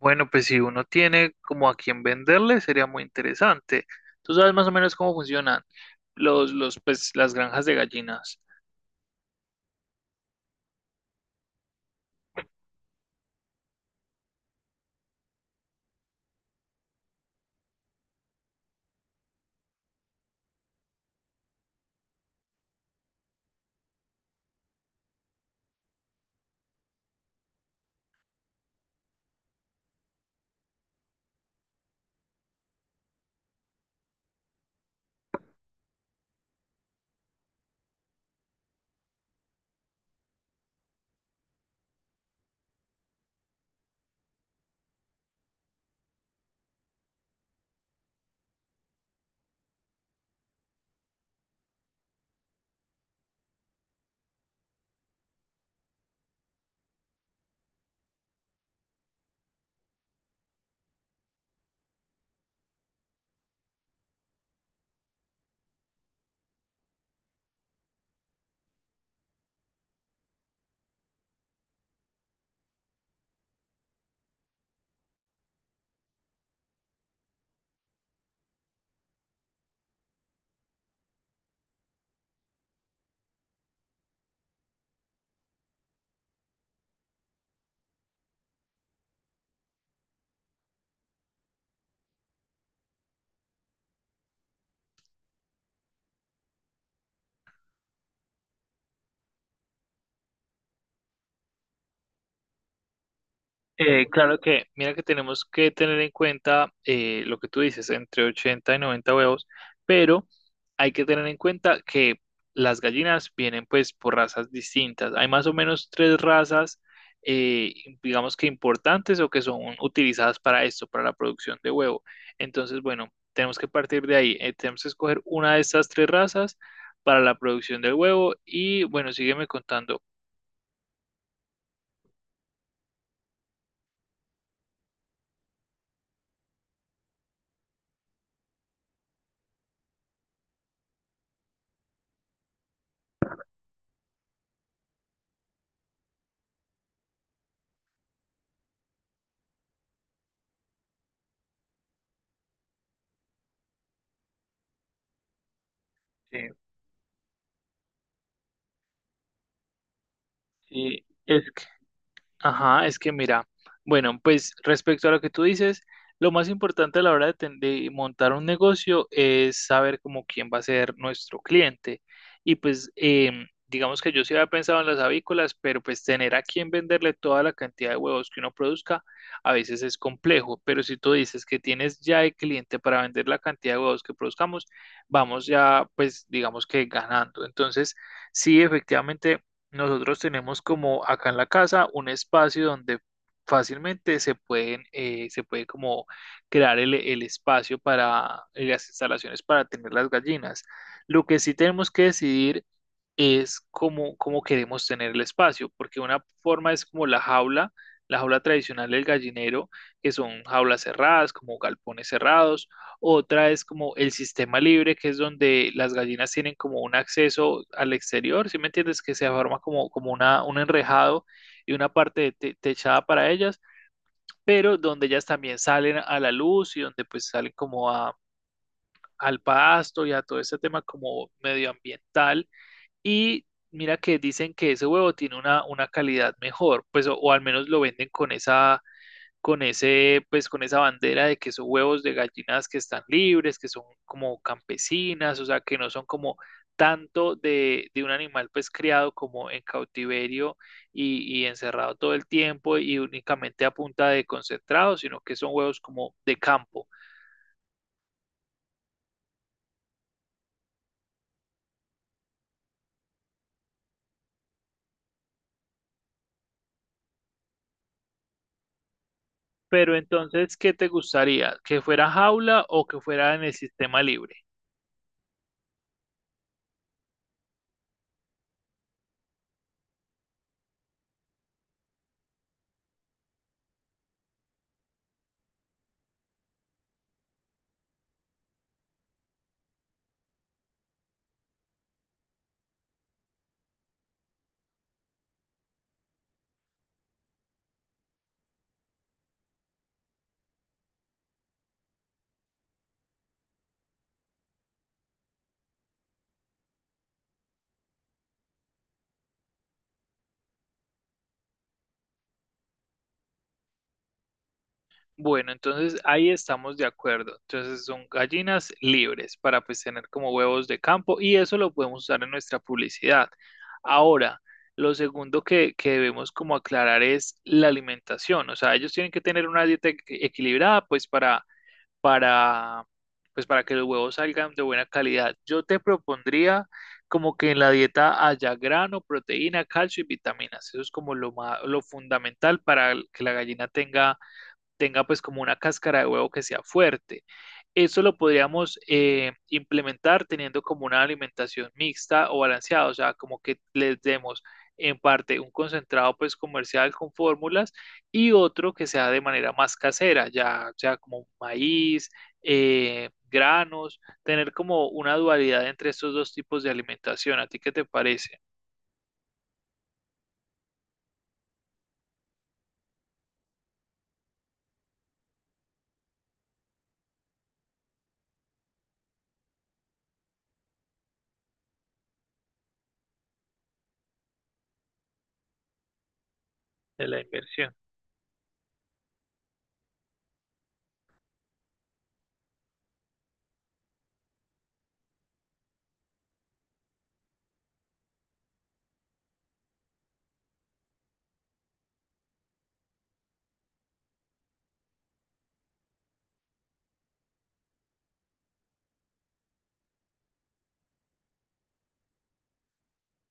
Bueno, pues si uno tiene como a quién venderle, sería muy interesante. Tú sabes más o menos cómo funcionan pues, las granjas de gallinas. Claro que, mira que tenemos que tener en cuenta lo que tú dices, entre 80 y 90 huevos, pero hay que tener en cuenta que las gallinas vienen pues por razas distintas. Hay más o menos tres razas, eh, digamos que importantes o que son utilizadas para esto, para la producción de huevo. Entonces, bueno, tenemos que partir de ahí. Tenemos que escoger una de estas tres razas para la producción del huevo y bueno, sígueme contando. eh, sí es Ajá, es que mira, bueno, pues respecto a lo que tú dices, lo más importante a la hora de, de montar un negocio es saber como quién va a ser nuestro cliente. Y pues digamos que yo sí había pensado en las avícolas, pero pues tener a quién venderle toda la cantidad de huevos que uno produzca a veces es complejo. Pero si tú dices que tienes ya el cliente para vender la cantidad de huevos que produzcamos, vamos ya pues digamos que ganando. Entonces, sí, efectivamente. Nosotros tenemos como acá en la casa un espacio donde fácilmente se pueden, se puede como crear el espacio para las instalaciones para tener las gallinas. Lo que sí tenemos que decidir es cómo, cómo queremos tener el espacio, porque una forma es como la jaula tradicional del gallinero, que son jaulas cerradas, como galpones cerrados, otra es como el sistema libre, que es donde las gallinas tienen como un acceso al exterior, ¿sí me entiendes? Que se forma como, un enrejado y una parte de techada para ellas, pero donde ellas también salen a la luz y donde pues salen como a, al pasto y a todo ese tema como medioambiental y mira que dicen que ese huevo tiene una calidad mejor, pues o al menos lo venden con esa, con ese, pues con esa bandera de que son huevos de gallinas que están libres, que son como campesinas, o sea, que no son como tanto de un animal pues criado como en cautiverio y encerrado todo el tiempo y únicamente a punta de concentrado, sino que son huevos como de campo. Pero entonces, ¿qué te gustaría? ¿Que fuera jaula o que fuera en el sistema libre? Bueno, entonces ahí estamos de acuerdo. Entonces son gallinas libres para pues tener como huevos de campo y eso lo podemos usar en nuestra publicidad. Ahora, lo segundo que debemos como aclarar es la alimentación. O sea, ellos tienen que tener una dieta equilibrada pues para, para, pues para que los huevos salgan de buena calidad. Yo te propondría como que en la dieta haya grano, proteína, calcio y vitaminas. Eso es como lo fundamental para que la gallina tenga pues como una cáscara de huevo que sea fuerte. Eso lo podríamos implementar teniendo como una alimentación mixta o balanceada, o sea, como que les demos en parte un concentrado pues comercial con fórmulas y otro que sea de manera más casera, ya sea como maíz, granos, tener como una dualidad entre estos dos tipos de alimentación. ¿A ti qué te parece de la inversión?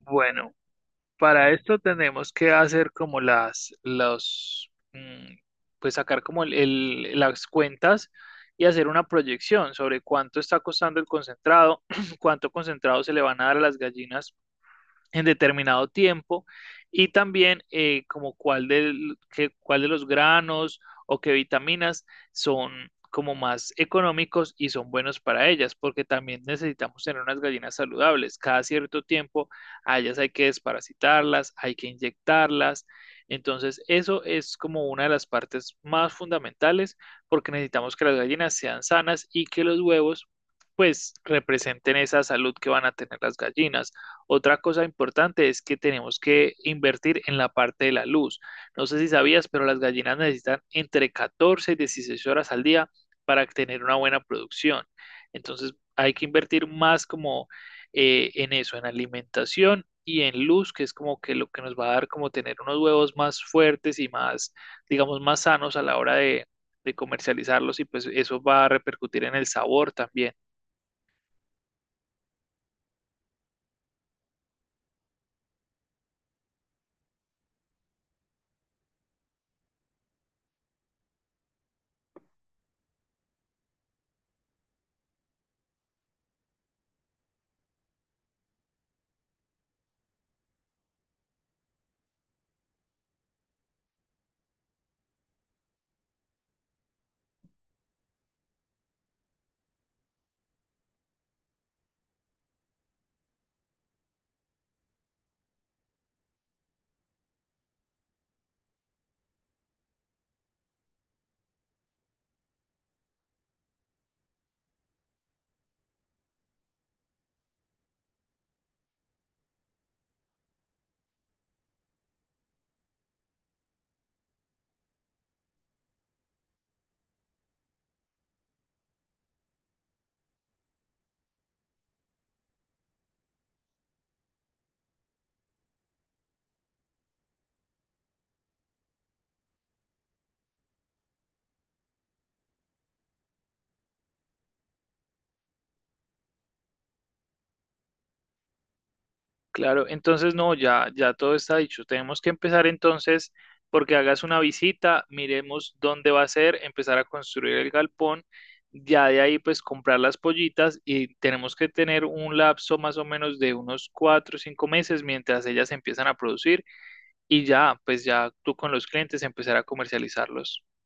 Bueno, para esto tenemos que hacer como pues sacar como las cuentas y hacer una proyección sobre cuánto está costando el concentrado, cuánto concentrado se le van a dar a las gallinas en determinado tiempo y también como cuál de los granos o qué vitaminas son como más económicos y son buenos para ellas, porque también necesitamos tener unas gallinas saludables. Cada cierto tiempo a ellas hay que desparasitarlas, hay que inyectarlas. Entonces, eso es como una de las partes más fundamentales, porque necesitamos que las gallinas sean sanas y que los huevos pues representen esa salud que van a tener las gallinas. Otra cosa importante es que tenemos que invertir en la parte de la luz. No sé si sabías, pero las gallinas necesitan entre 14 y 16 horas al día para tener una buena producción. Entonces hay que invertir más como en eso, en alimentación y en luz, que es como que lo que nos va a dar como tener unos huevos más fuertes y más, digamos, más sanos a la hora de comercializarlos y pues eso va a repercutir en el sabor también. Claro, entonces no, ya todo está dicho. Tenemos que empezar entonces porque hagas una visita, miremos dónde va a ser, empezar a construir el galpón, ya de ahí pues comprar las pollitas y tenemos que tener un lapso más o menos de unos 4 o 5 meses mientras ellas empiezan a producir y ya, pues ya tú con los clientes empezar a comercializarlos.